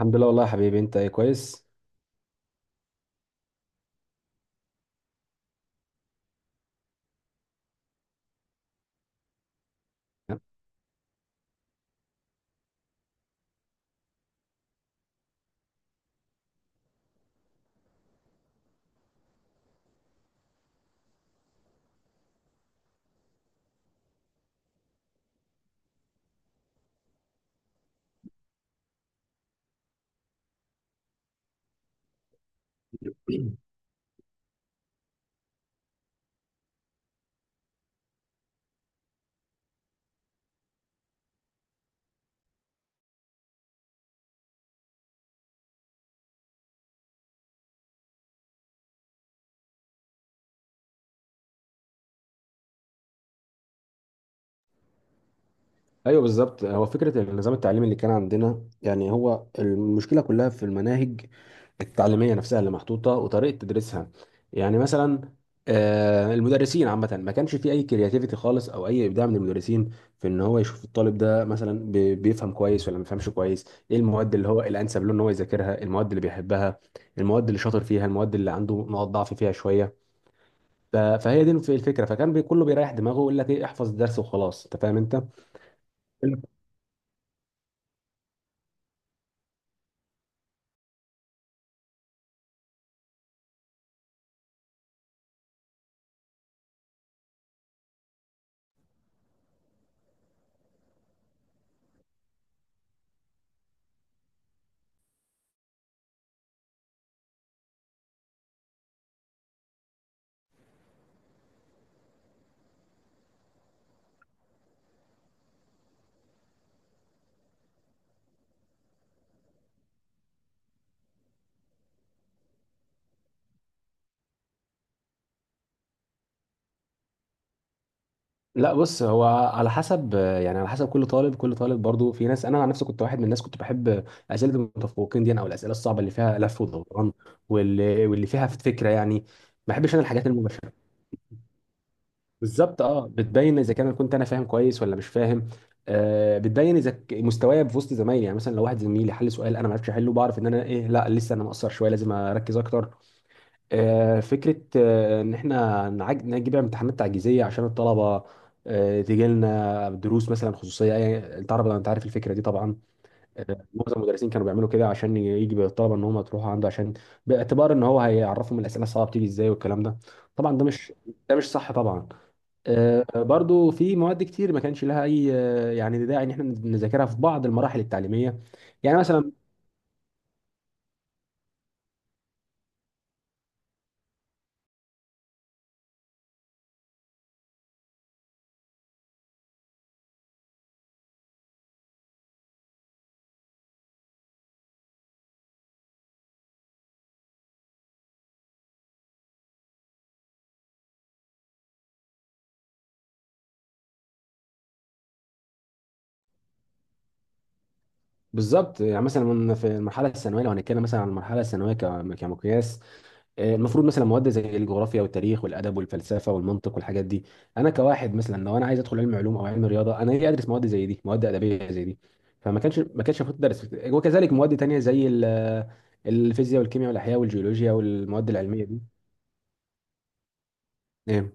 الحمد لله. والله يا حبيبي، انت ايه؟ كويس. ايوه، بالظبط. هو فكره النظام التعليمي اللي كان عندنا، يعني هو المشكله كلها في المناهج التعليميه نفسها اللي محطوطه وطريقه تدريسها. يعني مثلا المدرسين عامه ما كانش في اي كرياتيفيتي خالص او اي ابداع من المدرسين في ان هو يشوف الطالب ده مثلا بيفهم كويس ولا ما بيفهمش كويس. ايه المواد اللي هو الانسب له ان هو يذاكرها؟ المواد اللي بيحبها، المواد اللي شاطر فيها، المواد اللي عنده نقط ضعف فيها شويه. فهي دي الفكره. فكان كله بيريح دماغه ويقول لك ايه، احفظ الدرس وخلاص، انت فاهم انت. لا، بص، هو على حسب، يعني على حسب كل طالب. كل طالب برضو، في ناس، انا عن نفسي كنت واحد من الناس كنت بحب اسئله المتفوقين دي، يعني، او الاسئله الصعبه اللي فيها لف ودوران، واللي فيها فكره يعني. ما بحبش انا الحاجات المباشره. بالظبط، اه، بتبين اذا كان كنت انا فاهم كويس ولا مش فاهم. بتبين اذا مستواي في وسط زمايلي. يعني مثلا لو واحد زميلي حل سؤال انا ما عرفتش احله، بعرف ان انا ايه، لا، لسه انا مقصر شويه، لازم اركز اكتر. فكرة إن إحنا نجيب امتحانات تعجيزية عشان الطلبة تيجي لنا دروس مثلا خصوصية. أنت عارف الفكرة دي طبعا. معظم المدرسين كانوا بيعملوا كده عشان يجي بالطلبة إن هم تروحوا عنده، عشان باعتبار إن هو هيعرفهم الأسئلة الصعبة بتيجي إزاي والكلام ده. طبعا ده مش صح طبعا. برضو في مواد كتير ما كانش لها أي يعني داعي إن إحنا نذاكرها في بعض المراحل التعليمية. يعني مثلا. بالظبط. يعني مثلا في المرحلة الثانوية، لو هنتكلم مثلا عن المرحلة الثانوية كمقياس، المفروض مثلا مواد زي الجغرافيا والتاريخ والادب والفلسفه والمنطق والحاجات دي، انا كواحد مثلا، لو انا عايز ادخل علم علوم او علم رياضه، انا ليه ادرس مواد زي دي؟ مواد ادبيه زي دي فما كانش ما كانش المفروض تدرس. وكذلك مواد تانية زي الفيزياء والكيمياء والاحياء والجيولوجيا والمواد العلميه دي. إيه.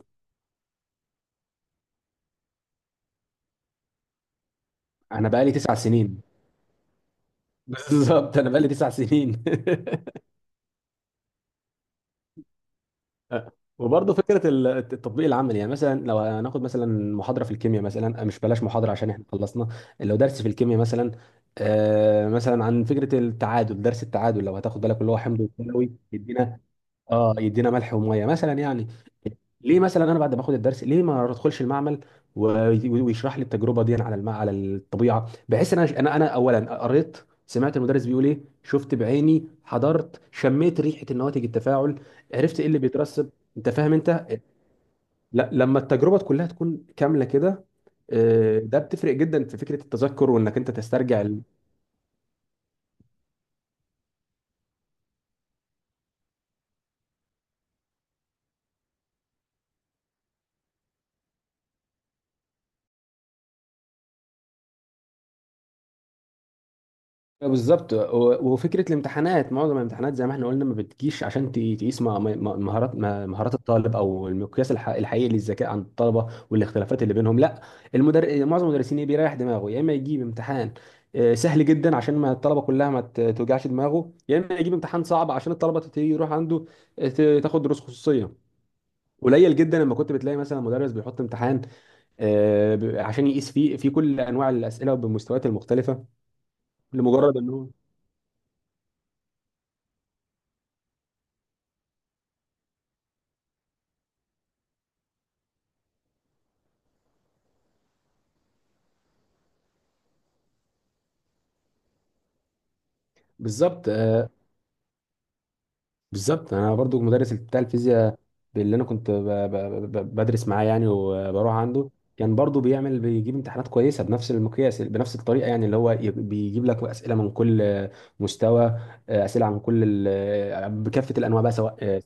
انا بقالي 9 سنين بالظبط، انا بقالي 9 سنين أه. وبرضه فكره التطبيق العملي. يعني مثلا لو هناخد مثلا محاضره في الكيمياء مثلا. مش بلاش محاضره عشان احنا خلصنا. لو درس في الكيمياء مثلا، مثلا عن فكره التعادل، درس التعادل، لو هتاخد بالك، اللي هو حمض وكيماوي يدينا، اه يدينا ملح وميه مثلا يعني. ليه مثلا انا بعد ما باخد الدرس ليه ما ادخلش المعمل ويشرح لي التجربه دي على على الطبيعه، بحيث ان انا انا أنا اولا قريت، سمعت المدرس بيقول ايه، شفت بعيني، حضرت، شميت ريحه النواتج التفاعل، عرفت ايه اللي بيترسب، انت فاهم انت؟ لا، لما التجربه كلها تكون كامله كده، ده بتفرق جدا في فكره التذكر وانك انت تسترجع. بالظبط. وفكره الامتحانات، معظم الامتحانات زي ما احنا قلنا ما بتجيش عشان تقيس مهارات الطالب او المقياس الحقيقي للذكاء عند الطلبه والاختلافات اللي بينهم. لا. معظم المدرسين، ايه، بيريح دماغه، يا اما يجيب امتحان سهل جدا عشان ما الطلبه كلها ما توجعش دماغه، يا اما يجيب امتحان صعب عشان الطلبه يروح عنده تاخد دروس خصوصيه. قليل جدا لما كنت بتلاقي مثلا مدرس بيحط امتحان عشان يقيس فيه في كل انواع الاسئله وبمستويات المختلفه، لمجرد انه. بالظبط. بالظبط، انا برضو المدرس بتاع الفيزياء اللي انا كنت بدرس معاه يعني وبروح عنده، كان برضو بيجيب امتحانات كويسه بنفس المقياس بنفس الطريقه، يعني اللي هو بيجيب لك اسئله من كل مستوى. اسئله عن كل بكافه الانواع بقى، سواء.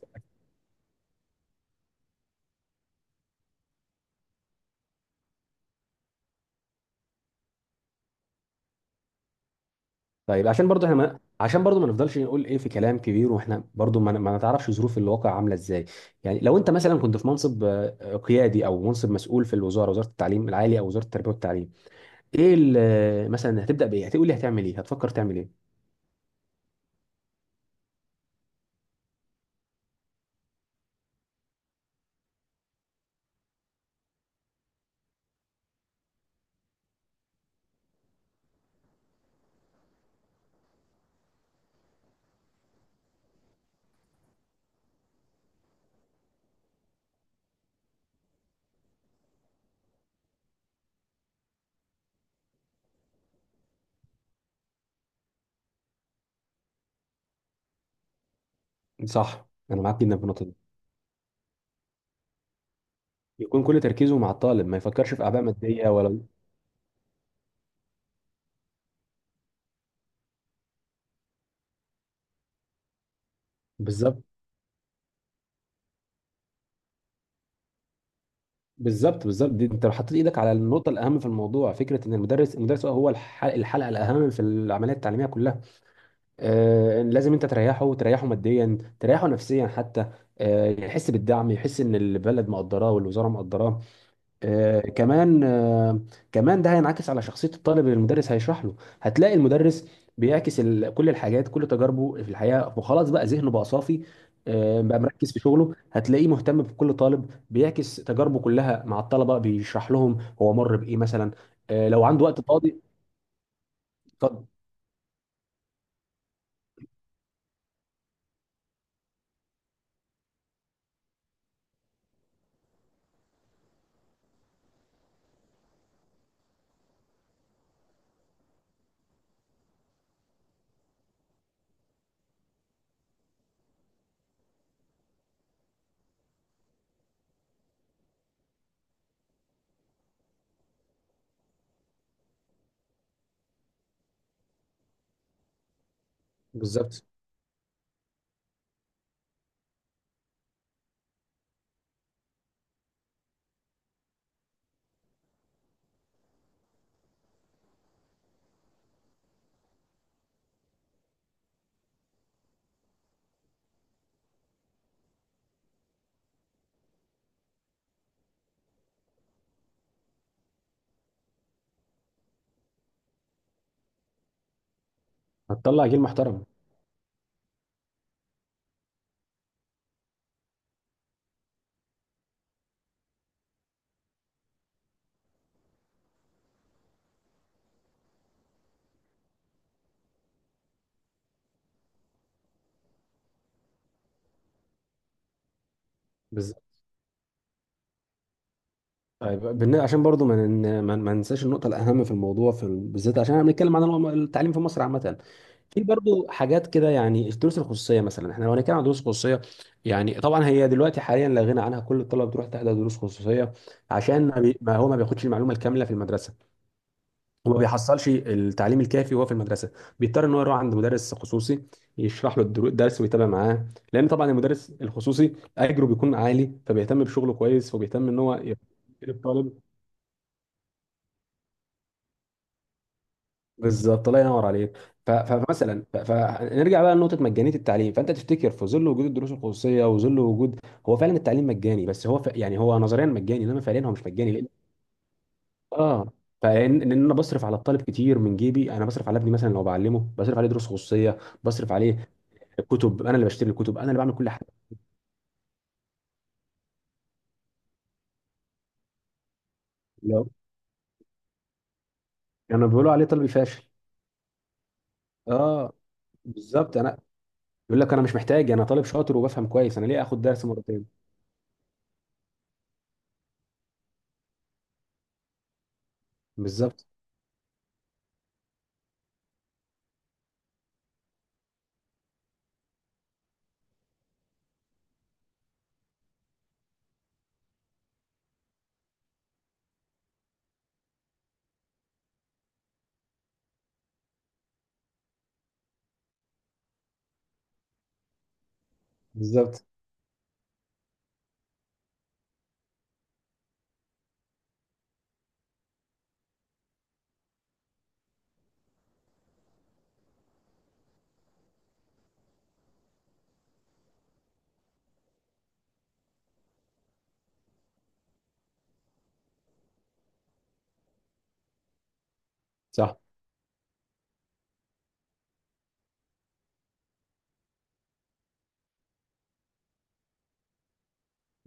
طيب، عشان برضو ما نفضلش نقول، ايه، في كلام كبير واحنا برضو ما نتعرفش ظروف الواقع عامله ازاي. يعني لو انت مثلا كنت في منصب قيادي او منصب مسؤول في الوزاره، وزاره التعليم العالي او وزاره التربيه والتعليم، ايه مثلا هتبدا بايه؟ هتقول لي هتعمل ايه؟ هتفكر تعمل ايه؟ صح، انا معاك جدا في النقطه دي. يكون كل تركيزه مع الطالب، ما يفكرش في اعباء ماديه ولا. بالظبط، بالظبط، بالظبط. دي انت لو حطيت ايدك على النقطه الاهم في الموضوع، فكره ان المدرس هو الحلقه الاهم في العمليه التعليميه كلها. لازم انت تريحه ماديا، تريحه نفسيا حتى. يحس بالدعم، يحس ان البلد مقدراه والوزاره مقدراه. آه، كمان آه، كمان ده هينعكس على شخصية الطالب اللي المدرس هيشرح له. هتلاقي المدرس بيعكس كل الحاجات، كل تجاربه في الحياة، وخلاص بقى ذهنه بقى صافي، بقى مركز في شغله. هتلاقيه مهتم بكل طالب، بيعكس تجاربه كلها مع الطلبة، بيشرح لهم هو مر بإيه مثلا، لو عنده وقت فاضي. اتفضل. بالظبط. هتطلع جيل محترم. طيب، عشان برضو ما نن- ما ما ننساش النقطه الاهم في الموضوع، في بالذات عشان احنا بنتكلم عن التعليم في مصر عامه. في برضو حاجات كده. يعني الدروس الخصوصيه مثلا، احنا لو هنتكلم عن دروس خصوصيه، يعني طبعا هي دلوقتي حاليا لا غنى عنها، كل الطلبه بتروح تحضر دروس خصوصيه عشان ما هو ما بياخدش المعلومه الكامله في المدرسه وما بيحصلش التعليم الكافي وهو في المدرسه، بيضطر ان هو يروح عند مدرس خصوصي يشرح له الدرس ويتابع معاه، لان طبعا المدرس الخصوصي اجره بيكون عالي، فبيهتم بشغله كويس وبيهتم ان هو يفيد الطالب. بالظبط. الله ينور عليك. فنرجع بقى لنقطه مجانيه التعليم. فانت تفتكر في ظل وجود الدروس الخصوصيه وظل وجود، هو فعلا التعليم مجاني؟ بس هو يعني هو نظريا مجاني انما فعليا هو مش مجاني، لان، اه، فان ان انا بصرف على الطالب كتير من جيبي، انا بصرف على ابني مثلا لو بعلمه، بصرف عليه دروس خصوصيه، بصرف عليه كتب، انا اللي بشتري الكتب، انا اللي بعمل كل حاجه. لو يعني بيقولوا عليه طالب فاشل. اه، بالظبط، انا يقول لك انا مش محتاج، انا طالب شاطر وبفهم كويس، انا ليه اخد درس مرتين. بالظبط، بالظبط. صح.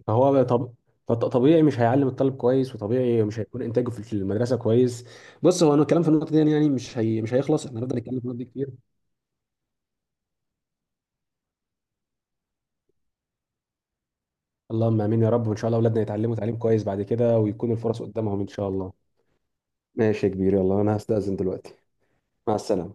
فهو بقى، طب، طبيعي مش هيعلم الطالب كويس وطبيعي مش هيكون انتاجه في المدرسه كويس. بص هو، انا الكلام في النقطه دي، يعني مش مش هيخلص، احنا هنفضل نتكلم في النقطه دي كتير. اللهم امين يا رب، وان شاء الله اولادنا يتعلموا تعليم كويس بعد كده ويكون الفرص قدامهم ان شاء الله. ماشي يا كبير، يلا انا هستأذن دلوقتي. مع السلامه